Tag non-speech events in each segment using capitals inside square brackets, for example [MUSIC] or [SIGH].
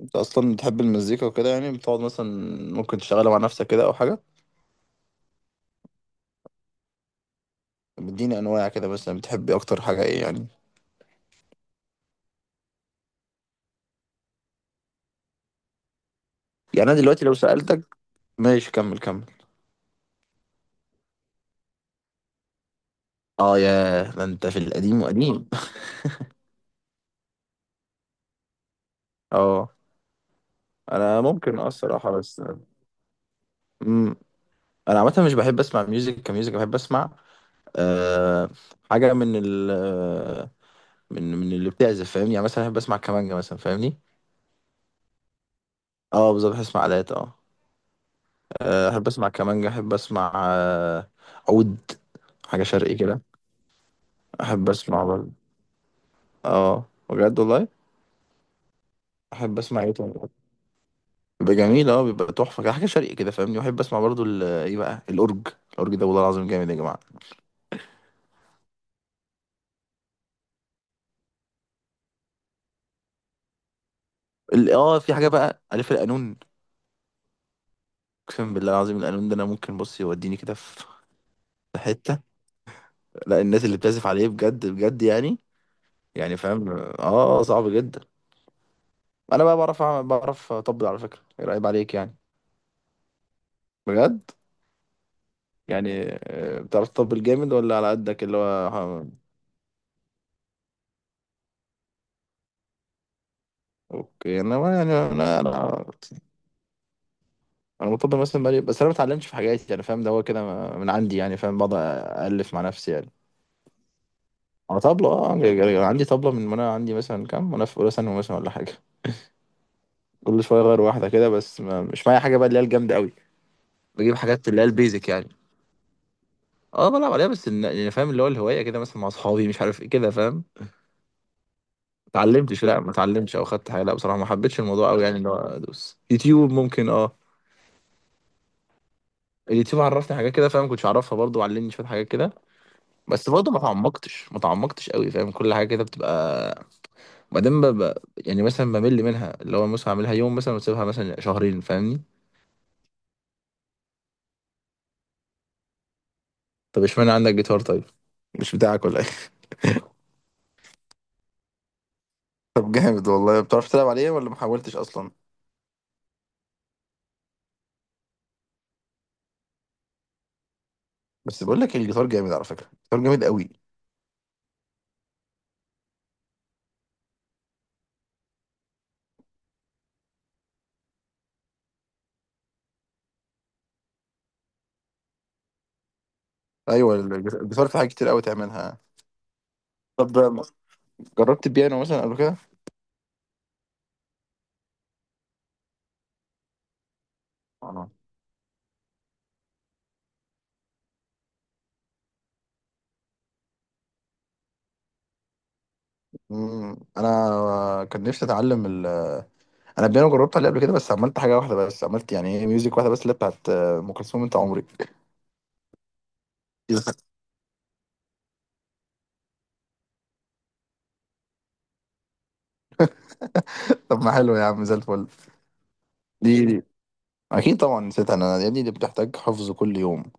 انت اصلا بتحب المزيكا وكده، يعني بتقعد مثلا ممكن تشتغلها مع نفسك كده او حاجه؟ بتديني انواع كده، مثلا بتحب اكتر حاجه ايه يعني؟ يعني انا دلوقتي لو سالتك. ماشي كمل كمل. اه، يا ده انت في القديم وقديم [LAUGHS] اه انا ممكن، اه الصراحه بس. امم انا عامه مش بحب اسمع ميوزك كميوزك، بحب اسمع أه حاجه من ال من من اللي بتعزف فاهمني، يعني مثلا بحب اسمع كمانجه مثلا فاهمني. اه بالظبط، بحب اسمع آلات اه. احب اسمع كمانجا، احب اسمع عود، حاجه شرقي كده، احب اسمع برضه اه، بجد والله. احب اسمع ايه تاني. بيبقى جميل اه، بيبقى تحفه كده، حاجه شرقي كده فاهمني. واحب اسمع برضه ايه بقى الاورج. الاورج ده والله العظيم جامد يا جماعه. في حاجه بقى الف القانون. اقسم بالله العظيم، القانون ده انا ممكن بص يوديني كده في حته. لا، الناس اللي بتعزف عليه بجد بجد يعني. يعني فاهم اه صعب جدا. انا بقى بعرف بعرف اطبل على فكره، ايه رايب عليك يعني؟ بجد. يعني بتعرف تطبل جامد ولا على قدك اللي هو اوكي. انا يعني انا، انا مطبل مثلا بقالي، بس انا ما اتعلمتش في حاجاتي يعني فاهم، ده هو كده من عندي يعني فاهم، بقعد الف مع نفسي يعني. انا طبلة اه، أنا عندي طبلة من وانا عندي مثلا كام، وانا في اولى ثانوي مثلا ولا حاجة. كل شوية اغير واحدة كده، بس ما مش معايا حاجة بقى اللي هي الجامدة قوي. بجيب حاجات اللي هي البيزك يعني. اه بلعب عليها، بس يعني فاهم اللي هو الهواية كده، مثلا مع اصحابي مش عارف ايه كده فاهم، ما اتعلمتش. لا ما اتعلمتش او خدت حاجة، لا بصراحة ما حبيتش الموضوع قوي يعني، اللي هو ادوس يوتيوب ممكن اه. اليوتيوب عرفني حاجات كده فاهم، ما كنتش اعرفها برضه، وعلمني شويه حاجات كده. بس برضه ما تعمقتش قوي فاهم، كل حاجه كده بتبقى بعدين ببقى يعني مثلا بمل منها. اللي هو مثلا اعملها يوم مثلا واسيبها مثلا شهرين فاهمني. طب اشمعنى عندك جيتار طيب؟ مش بتاعك ولا ايه؟ [LAUGHS] طب جامد والله، بتعرف تلعب عليه ولا ما حاولتش اصلا؟ بس بقول لك الجيتار جامد على فكره، الجيتار جامد قوي. ايوه، الجيتار في حاجات كتير قوي تعملها. طب جربت البيانو مثلا قبل كده؟ آه. انا كان نفسي اتعلم. انا بيانو جربت عليه قبل كده، بس عملت حاجه واحده بس، عملت يعني ايه ميوزك واحده بس اللي بتاعت ام كلثوم انت عمري [LAUGHS] طب ما حلو يا عم، زي الفل. دي اكيد طبعا نسيتها، انا يا ابني دي بتحتاج حفظ كل يوم.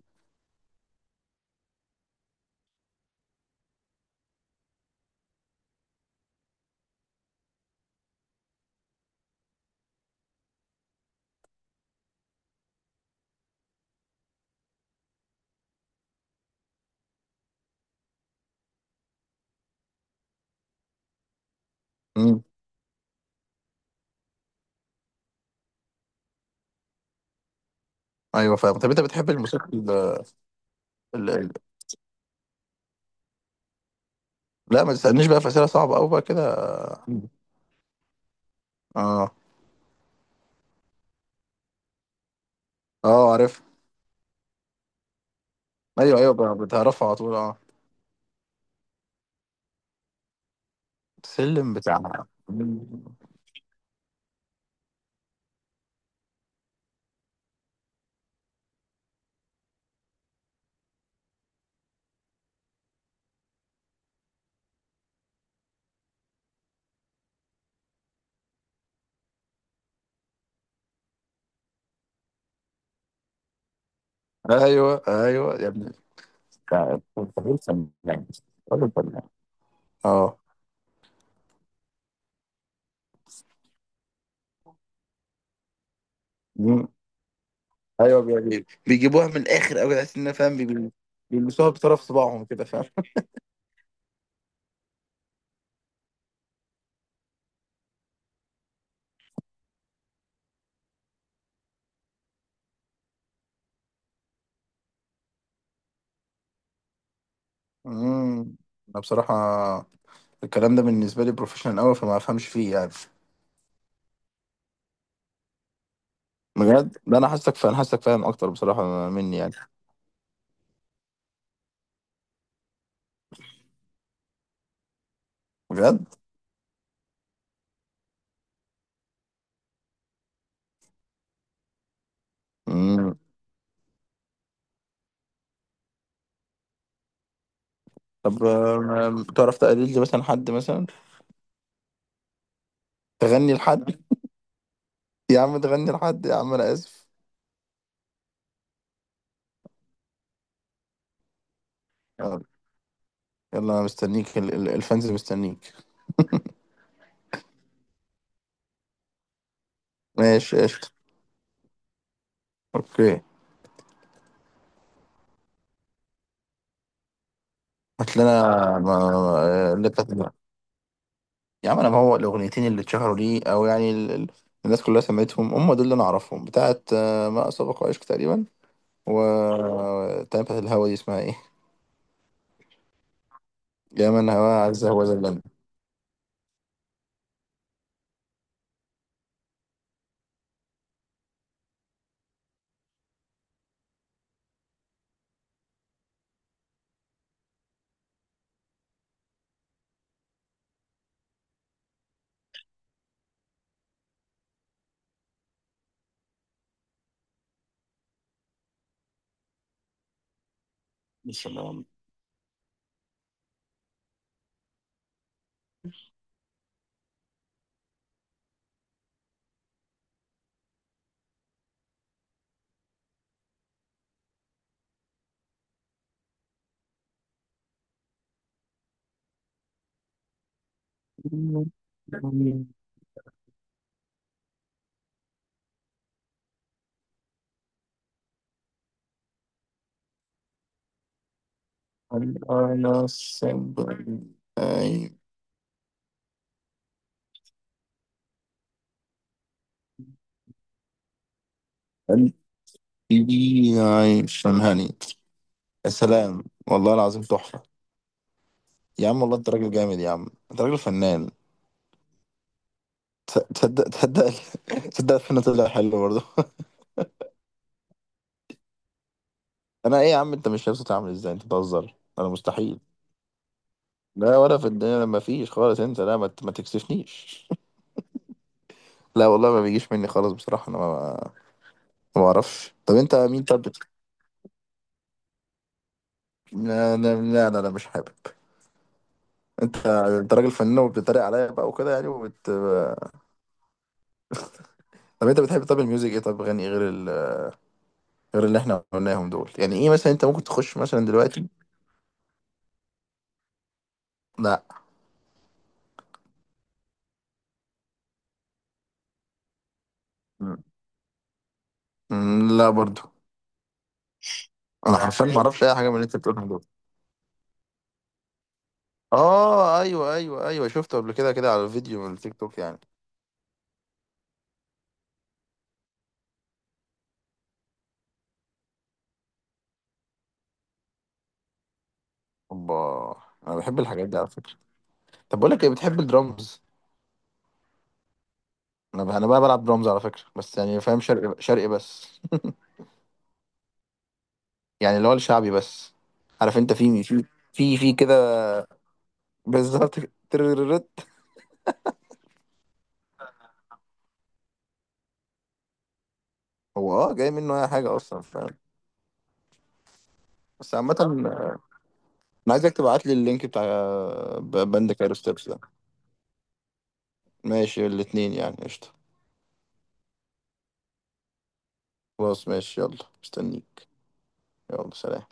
امم ايوه فاهم. طب انت بتحب الموسيقى ال... ال... لا ما تسالنيش بقى، في اسئله صعبه قوي بقى كده. اه. اه عارف. ايوه ايوه بقى بتعرفها على طول اه. السلم بتاع. ايوه ايوه يا ابني. بتاع الفنان، راجل فنان. اه. ايوه بيعجبني، بيجيبوها من الاخر قوي، تحس انها فاهم بيلبسوها بطرف صباعهم كده فاهم. امم انا بصراحه الكلام ده بالنسبه لي بروفيشنال قوي، فما افهمش فيه يعني. بجد ده انا حاسك فاهم، حاسك فاهم اكتر بصراحه مني يعني. بجد. امم طب، تعرف تقلد لي مثلا حد مثلا؟ تغني لحد، يا عم تغني لحد يا عم انا اسف. يلا يلا، انا مستنيك. الفانز مستنيك. ماشي قشطة. اوكي هات لنا. اللي بتاعت. يا عم انا ما هو الاغنيتين اللي اتشهروا ليه، او يعني الناس كلها سمعتهم، هم دول اللي انا اعرفهم، بتاعت ما اسبق وعشق تقريبا، و بتاعت الهوا دي اسمها ايه؟ يا من هواه عز هو ذلنا. السلام. هل انا الصبر. أي. قلبي عايش هاني. يا سلام، والله العظيم تحفة. يا عم والله انت راجل جامد، يا عم انت راجل فنان. تصدق تصدق، تصدق الفن طلع حلو برضه. انا ايه يا عم؟ انت مش شايف صوتي عامل ازاي؟ انت بتهزر، انا مستحيل. لا ولا في الدنيا، لما فيش خالص، انت لا ما تكسفنيش. [LAUGHS] لا والله، ما بيجيش مني خالص بصراحة، انا ما بعرفش. طب انت مين؟ طب لا لا لا لا, لا مش حابب. انت راجل فنان، وبتتريق عليا بقى وكده يعني، طب انت بتحب، طب الميوزك ايه؟ طب غني غير غير اللي احنا قلناهم دول، يعني ايه مثلا انت ممكن تخش مثلا دلوقتي؟ لا م- لا برضو. انا حرفيا ما اعرفش اي حاجة من اللي انت بتقولها. اه ايوه ايوه ايوه، شفته قبل كده كده على الفيديو من التيك توك يعني. اوبا. انا بحب الحاجات دي على فكره. طب بقول لك ايه، بتحب الدرامز؟ انا بقى بلعب درامز على فكره، بس يعني فاهم شرقي شرقي بس. [LAUGHS] يعني اللي هو الشعبي بس. عارف انت في في كده. بالظبط [LAUGHS] ترررت. هو اه جاي منه اي حاجه اصلا فاهم. بس عامة انا عايزك تبعت لي اللينك بتاع بند كايرو ستيبس ده. ماشي الاتنين يعني قشطة. خلاص ماشي، يلا مستنيك. يلا سلام.